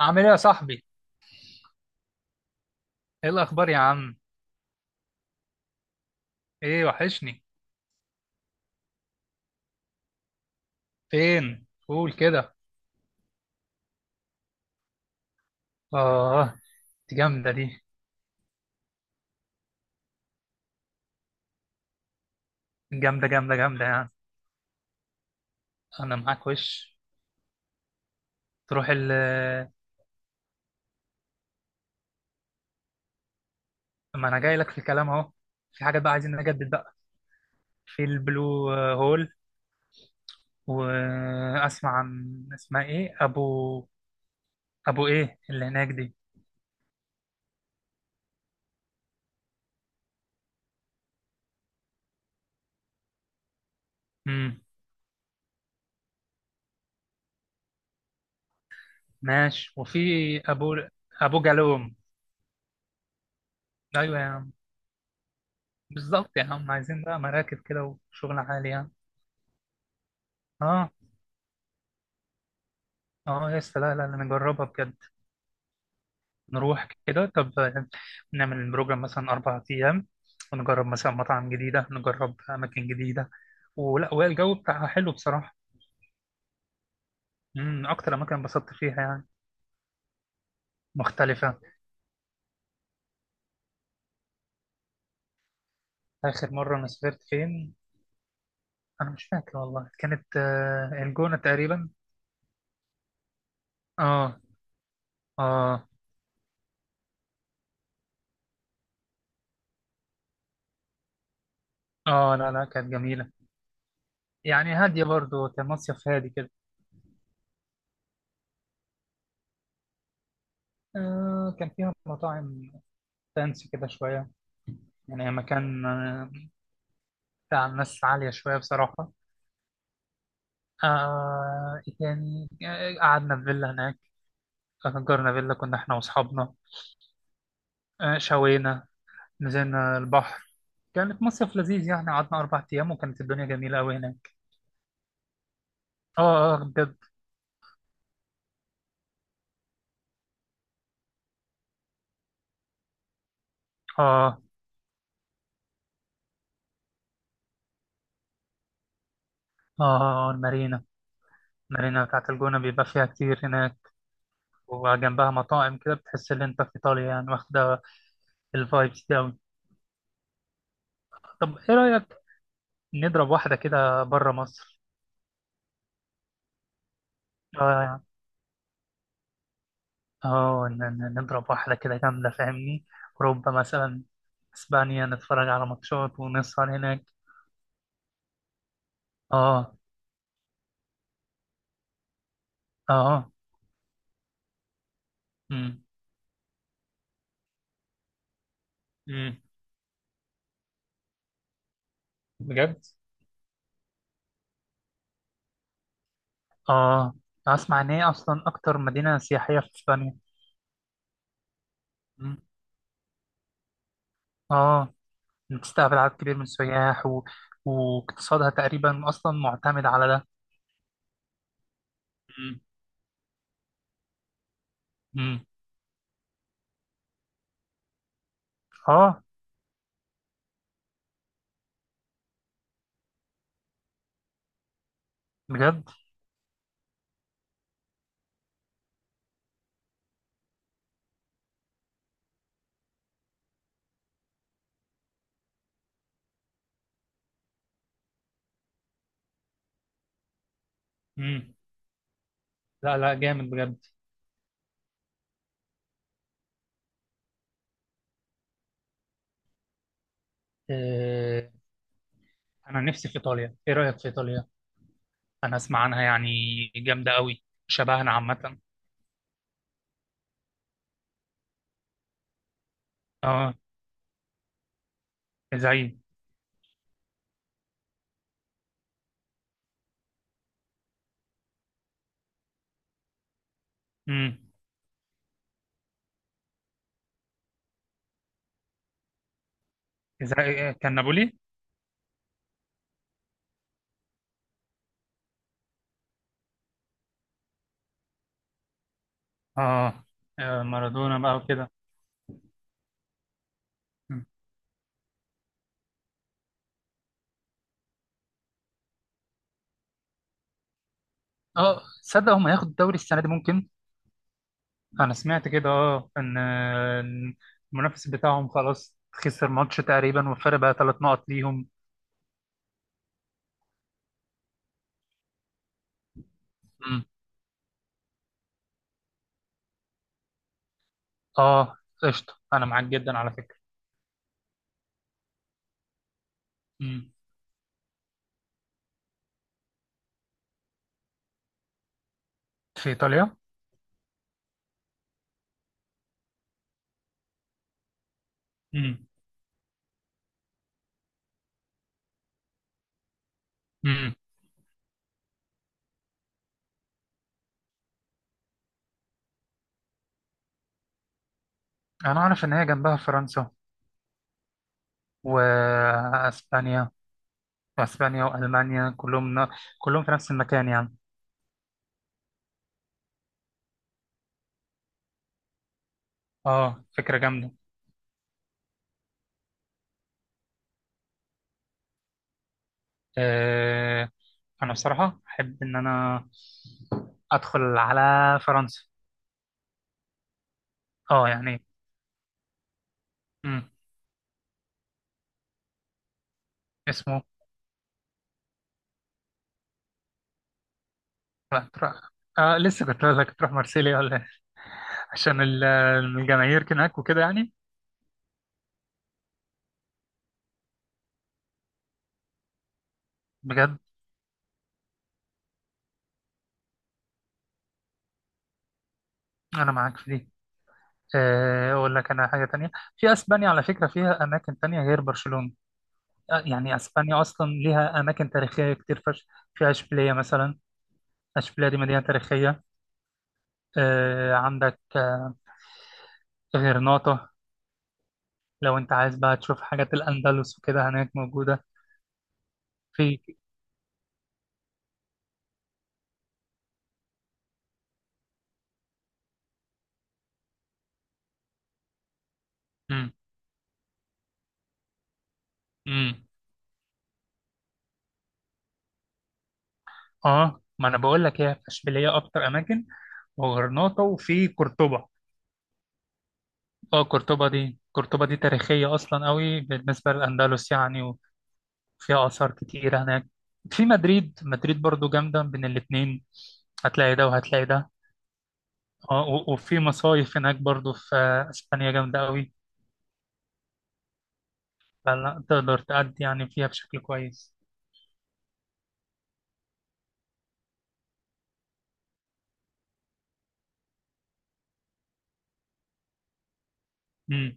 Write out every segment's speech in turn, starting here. عامل ايه يا صاحبي؟ ايه الاخبار يا عم؟ ايه وحشني. فين؟ قول كده. اه، دي جامده دي. جامده جامده جامده يعني. انا معاك وش تروح ال... ما انا جاي لك في الكلام اهو. في حاجات بقى عايزين نجدد بقى. في البلو هول. واسمع عن اسمها ايه، ابو ايه اللي هناك دي. امم، ماشي. وفي ابو ابو جالوم. ايوه يا عم، بالظبط يا عم، عايزين بقى مراكب كده وشغل عالي يعني. اه. اه يا اسطى، لا لا لا، نجربها بجد. نروح كده طب، نعمل بروجرام مثلا 4 أيام، ونجرب مثلا مطاعم جديدة، نجرب أماكن جديدة ولا. والجو بتاعها حلو بصراحة. امم، أكتر أماكن انبسطت فيها يعني. مختلفة. آخر مرة أنا سافرت فين؟ أنا مش فاكر والله، كانت الجونة تقريبا. اه. اه. اه لا لا، كانت جميلة. يعني هادية برضو، كان مصيف هادي كده. آه كان فيها مطاعم فانسي كده شوية. يعني مكان لا، ناس عالية شوية بصراحة. آه يعني قعدنا في فيلا هناك، أجرنا فيلا، كنا إحنا وأصحابنا. آه شوينا، نزلنا البحر. كانت مصيف لذيذ يعني، قعدنا 4 أيام، وكانت الدنيا جميلة أوي هناك. آه آه بجد. آه المارينا. المارينا بتاعت الجونة بيبقى فيها كتير هناك، وجنبها مطاعم كده، بتحس إن أنت في إيطاليا يعني، واخدة الفايبس دي أوي. طب إيه رأيك نضرب واحدة كده بره مصر؟ آه. اه نضرب واحدة كده جامدة فاهمني، أوروبا مثلا، إسبانيا، نتفرج على ماتشات ونسهر هناك. اه. اه. امم. امم. بجد. اه أسمع إن هي أصلا أكتر مدينة سياحية في إسبانيا. مم. اه بتستقبل عدد كبير من السياح و... واقتصادها تقريبا أصلا معتمد على ده. امم. مم. اه. بجد. امم. لا لا، جامد بجد. آه، انا نفسي في ايطاليا، ايه رايك في ايطاليا؟ انا اسمع عنها يعني جامده قوي، شبهنا عامه. اه زي. امم. زي كان نابولي. اه مارادونا بقى وكده. مم. اه تصدق هم هياخدوا الدوري السنه دي ممكن. انا سمعت كده، اه ان إن المنافس بتاعهم خلاص خسر ماتش تقريبا، والفرق بقى 3 نقط ليهم. مم. اه قشطه، انا معاك جدا على فكره. مم. في ايطاليا. مم. مم. انا اعرف ان هي جنبها فرنسا واسبانيا. واسبانيا والمانيا كلهم نا... كلهم في نفس المكان يعني. اه فكره جامده. آه... انا بصراحه احب ان انا ادخل على فرنسا. اه يعني. امم. اسمه. لا تروح. آه لسه كنت اقول لك تروح مارسيليا ولا إيه؟ عشان ال- الجماهير هناك وكده يعني. بجد. انا معاك في دي. اقول لك انا حاجه تانية، في اسبانيا على فكره فيها اماكن تانية غير برشلونه. يعني اسبانيا اصلا ليها اماكن تاريخيه كتير فشخ. فيها اشبيليه مثلا. اشبيليه دي مدينه تاريخيه. عندك غرناطه. لو انت عايز بقى تشوف حاجات الاندلس وكده هناك موجوده. في. امم. امم. اه ما انا بقول لك هي، في اشبيليه اكتر اماكن وغرناطه وفي قرطبه. اه قرطبه دي تاريخيه اصلا قوي بالنسبه للاندلس يعني، وفيها اثار كتير هناك. في مدريد. مدريد برضو جامده بين الاتنين، هتلاقي ده وهتلاقي ده. اه و- وفي مصايف هناك برضو في اسبانيا جامده قوي. فلا تقدر تأدي يعني فيها بشكل كويس. امم.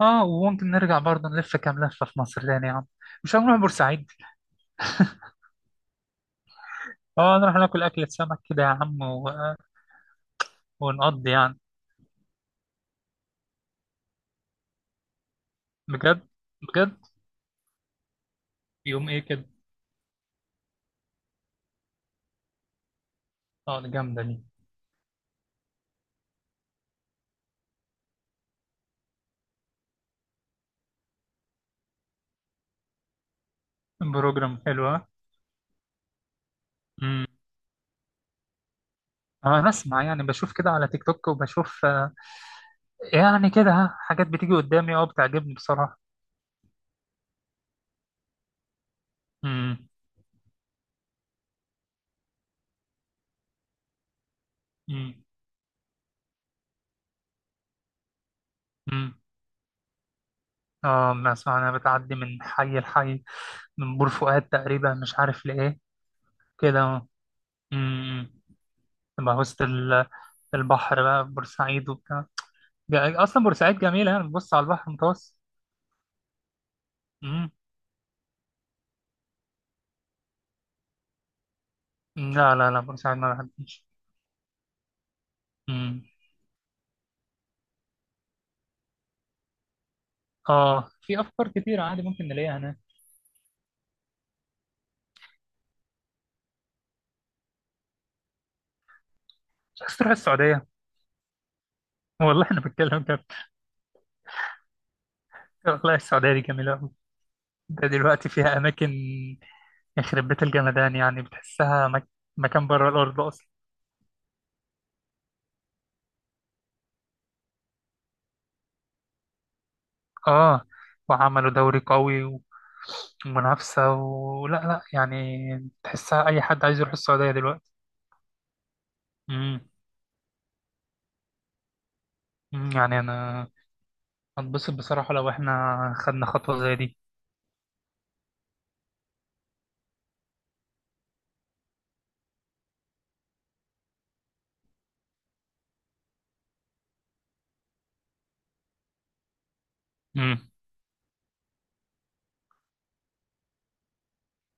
اه وممكن نرجع برضه نلف كام لفة في مصر تاني يا عم. مش هنروح بورسعيد؟ اه نروح ناكل أكلة سمك كده يا عم و... ونقضي يعني. بجد. بجد. يوم ايه كده؟ اه دي جامدة دي. بروجرام حلو، ها؟ امم. اه انا اسمع يعني، بشوف كده على تيك توك وبشوف يعني كده، ها، حاجات بتيجي قدامي، اه بتعجبني بصراحة. امم. امم. امم. اه ما اسمع انا بتعدي من حي لحي، من بور فؤاد تقريبا مش عارف لإيه، كده اه. أمم. تبقى وسط البحر بقى، في بورسعيد وبتاع. جا- اصلا بورسعيد جميله يعني، بتبص على البحر المتوسط. أمم. لا لا لا، بورسعيد ما بحبش. أمم. اه في افكار كتير عادي ممكن نلاقيها هناك. مش عايز تروح السعوديه؟ والله انا بتكلم كده. والله السعوديه دي جميله قوي. ده دلوقتي فيها اماكن يخرب بيت الجمدان، يعني بتحسها مك... مكان بره الارض. اه وعملوا دوري قوي و- ومنافسة، ولا لا يعني، تحسها أي حد عايز يروح السعودية دلوقتي. امم. أمم، يعني أنا هتبسط بصراحة لو إحنا خدنا خطوة زي دي. امم.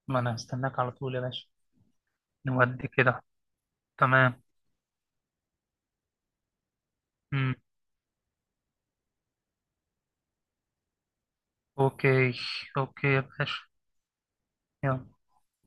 ما أنا هستناك على طول يا باشا. نودي كده. تمام. امم. أوكي. أوكي يا باشا. يلا.